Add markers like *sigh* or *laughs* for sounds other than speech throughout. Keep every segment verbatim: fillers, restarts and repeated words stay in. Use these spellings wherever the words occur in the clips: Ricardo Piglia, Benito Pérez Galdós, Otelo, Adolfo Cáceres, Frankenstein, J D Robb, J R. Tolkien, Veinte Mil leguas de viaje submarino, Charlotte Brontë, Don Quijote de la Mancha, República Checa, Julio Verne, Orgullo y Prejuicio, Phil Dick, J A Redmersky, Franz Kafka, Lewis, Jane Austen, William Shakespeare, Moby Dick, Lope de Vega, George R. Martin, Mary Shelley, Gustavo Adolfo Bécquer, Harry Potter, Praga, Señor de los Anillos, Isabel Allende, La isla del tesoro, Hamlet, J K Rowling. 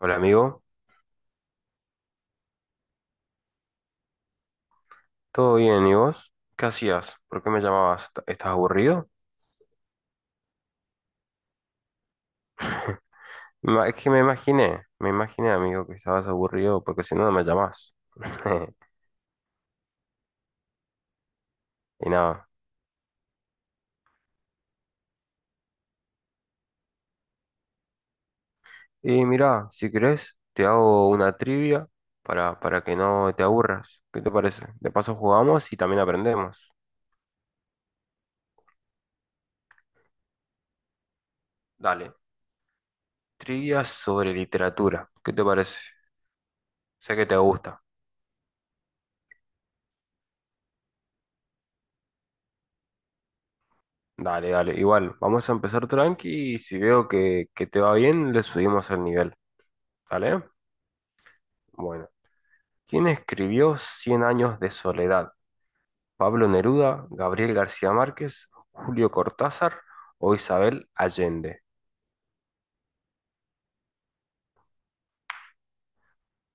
Hola amigo, ¿todo bien? ¿Y vos? ¿Qué hacías? ¿Por qué me llamabas? ¿Est- ¿Estás aburrido? *laughs* Ma- Es que me imaginé, me imaginé amigo que estabas aburrido porque si no no me llamás. *laughs* Y nada. Y mira, si querés, te hago una trivia para, para que no te aburras. ¿Qué te parece? De paso jugamos y también aprendemos. Dale, trivia sobre literatura. ¿Qué te parece? Sé que te gusta. Dale, dale. Igual, vamos a empezar tranqui y si veo que, que te va bien, le subimos el nivel. ¿Dale? Bueno, ¿quién escribió Cien años de soledad? ¿Pablo Neruda, Gabriel García Márquez, Julio Cortázar o Isabel Allende?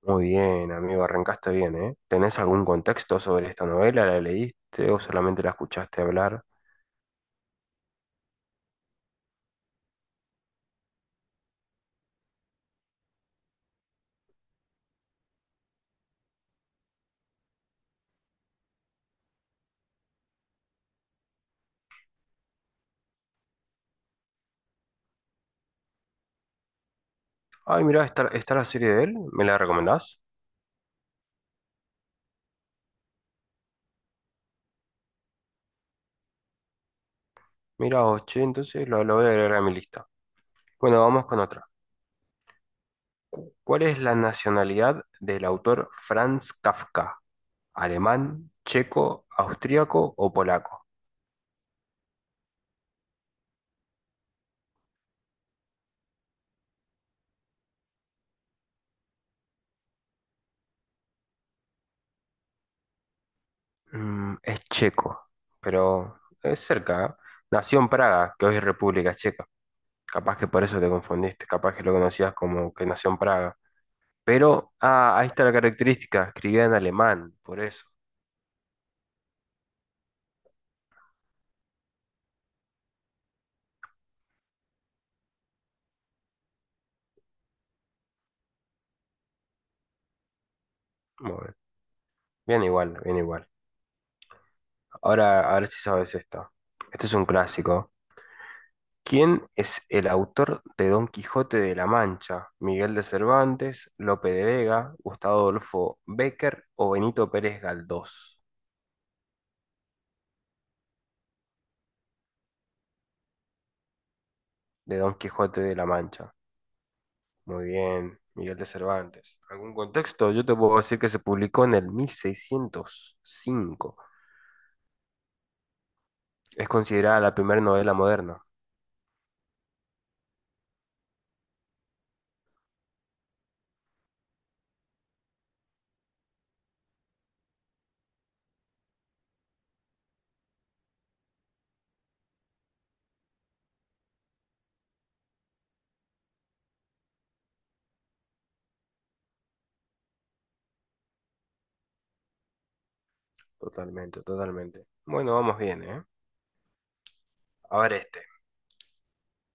Muy bien, amigo, arrancaste bien, ¿eh? ¿Tenés algún contexto sobre esta novela? ¿La leíste o solamente la escuchaste hablar? Ay, mirá, está, está la serie de él, ¿me la recomendás? Mirá, vos, che, entonces lo, lo voy a agregar a mi lista. Bueno, vamos con otra. Cu- ¿Cuál es la nacionalidad del autor Franz Kafka? ¿Alemán, checo, austríaco o polaco? Mm, es checo, pero es cerca, ¿eh? Nació en Praga, que hoy es República Checa. Capaz que por eso te confundiste, capaz que lo conocías como que nació en Praga. Pero, ah, ahí está la característica, escribía en alemán, por eso. Muy bien, bien igual, bien igual. Ahora, a ver si sabes esto. Este es un clásico. ¿Quién es el autor de Don Quijote de la Mancha? ¿Miguel de Cervantes, Lope de Vega, Gustavo Adolfo Bécquer o Benito Pérez Galdós? De Don Quijote de la Mancha. Muy bien, Miguel de Cervantes. ¿Algún contexto? Yo te puedo decir que se publicó en el mil seiscientos cinco. Es considerada la primera novela moderna. Totalmente, totalmente. Bueno, vamos bien, ¿eh? A ver este.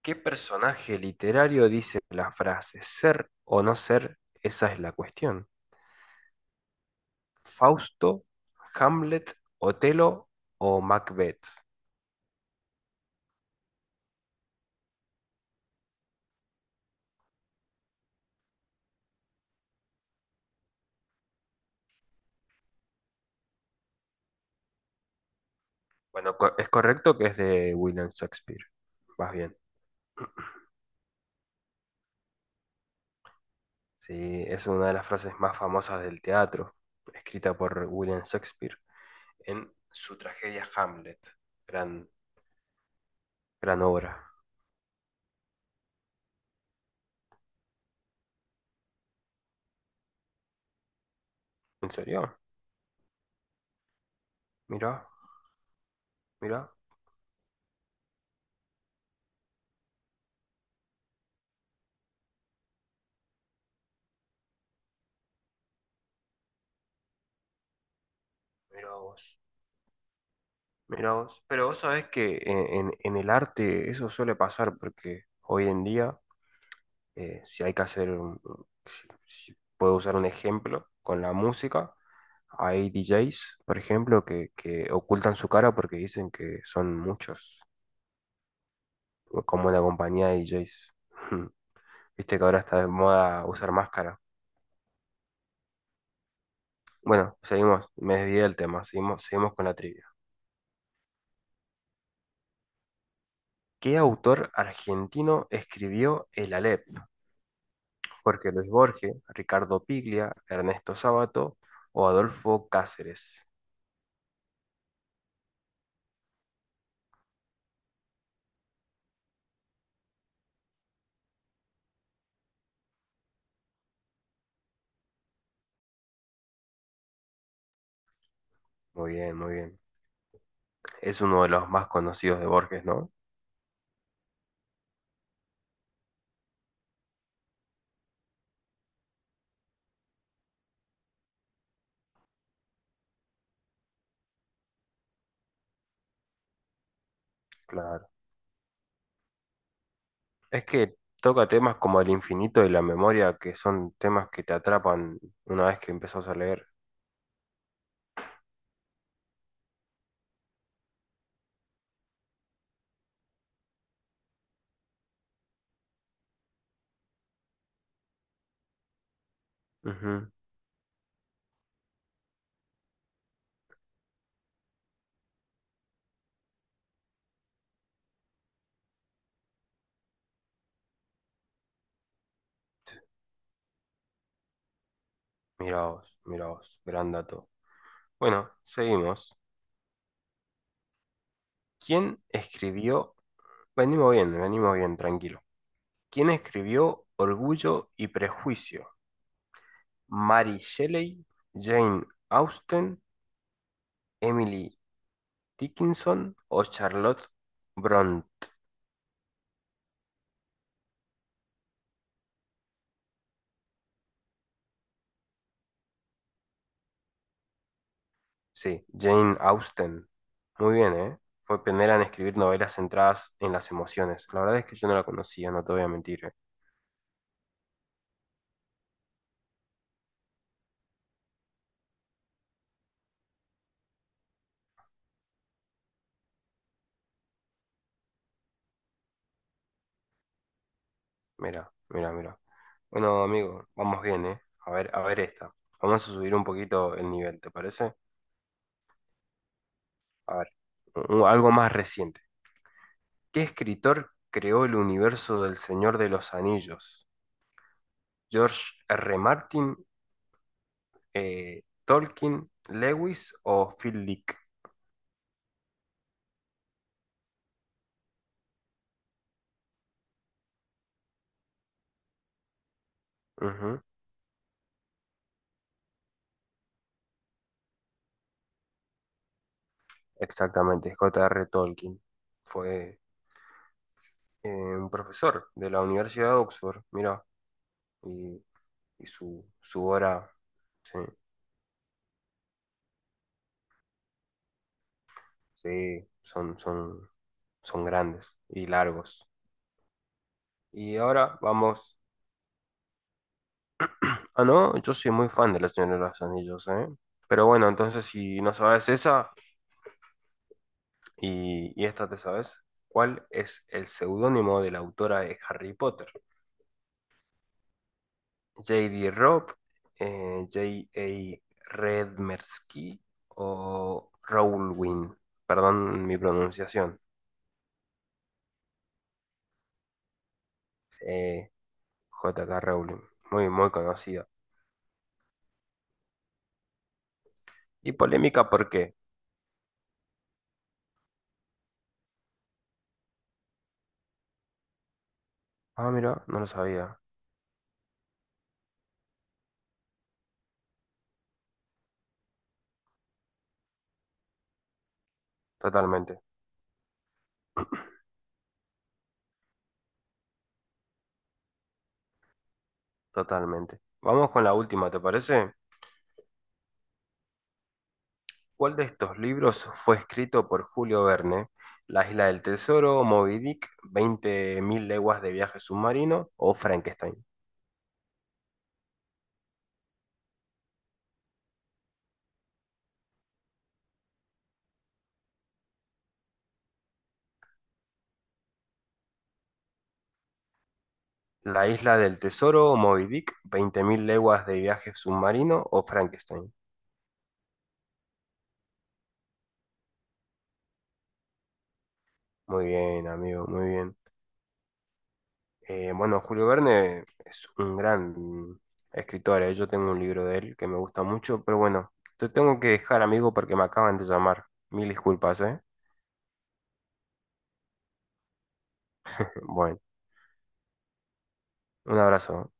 ¿Qué personaje literario dice la frase ser o no ser? Esa es la cuestión. ¿Fausto, Hamlet, Otelo o Macbeth? Bueno, co- es correcto que es de William Shakespeare. Vas bien. Sí, es una de las frases más famosas del teatro, escrita por William Shakespeare en su tragedia Hamlet. Gran, gran obra. ¿En serio? Mira, mira, mira vos, mira vos. Pero vos sabés que en, en- en el arte eso suele pasar porque hoy en día, eh, si hay que hacer, un- un- si, si puedo usar un ejemplo con la música, hay D Js, por ejemplo, que, que ocultan su cara porque dicen que son muchos como la compañía de D Js. *laughs* Viste que ahora está de moda usar máscara. Bueno, seguimos, me desvié del tema, seguimos, seguimos con la trivia. ¿Qué autor argentino escribió El Aleph? ¿Jorge Luis Borges, Ricardo Piglia, Ernesto Sábato o Adolfo Cáceres? Muy bien, muy bien. Es uno de los más conocidos de Borges, ¿no? Claro. Es que toca temas como el infinito y la memoria, que son temas que te atrapan una vez que empezás a leer. Ujú. Mirá vos, mirá vos, gran dato. Bueno, seguimos. ¿Quién escribió? Venimos bien, venimos bien, tranquilo. ¿Quién escribió Orgullo y Prejuicio? ¿Mary Shelley, Jane Austen, Emily Dickinson o Charlotte Brontë? Sí, Jane Austen. Muy bien, ¿eh? Fue pionera en escribir novelas centradas en las emociones. La verdad es que yo no la conocía, no te voy a mentir, ¿eh? Mira, mira, mira. Bueno, amigo, vamos bien, ¿eh? A ver, a ver esta. Vamos a subir un poquito el nivel, ¿te parece? A ver, u- algo más reciente. ¿Qué escritor creó el universo del Señor de los Anillos? ¿George R. Martin, eh, Tolkien, Lewis o Phil Dick? Ujú. Exactamente, J R Tolkien. Fue eh, un profesor de la Universidad de Oxford, mira, y, y su, su obra, sí. Sí, son, son, son grandes y largos. Y ahora vamos. Ah, no, yo soy muy fan de los Señor de los Anillos, ¿eh? Pero bueno, entonces si no sabes esa y, y esta te sabes, ¿cuál es el seudónimo de la autora de Harry Potter? ¿J D Robb, eh, J A Redmersky o Rowling? Perdón mi pronunciación. Eh, J K Rowling, muy, muy conocida. Y polémica, ¿por qué? Ah, mira, no lo sabía. Totalmente, totalmente. Vamos con la última, ¿te parece? ¿Cuál de estos libros fue escrito por Julio Verne? La isla del tesoro, Moby Dick, Veinte Mil leguas de viaje submarino o Frankenstein. La isla del tesoro, Moby Dick, Veinte Mil leguas de viaje submarino o Frankenstein. Muy bien, amigo, muy bien. Eh, bueno, Julio Verne es un gran escritor, eh, yo tengo un libro de él que me gusta mucho, pero bueno, te tengo que dejar, amigo, porque me acaban de llamar. Mil disculpas, ¿eh? Bueno, un abrazo.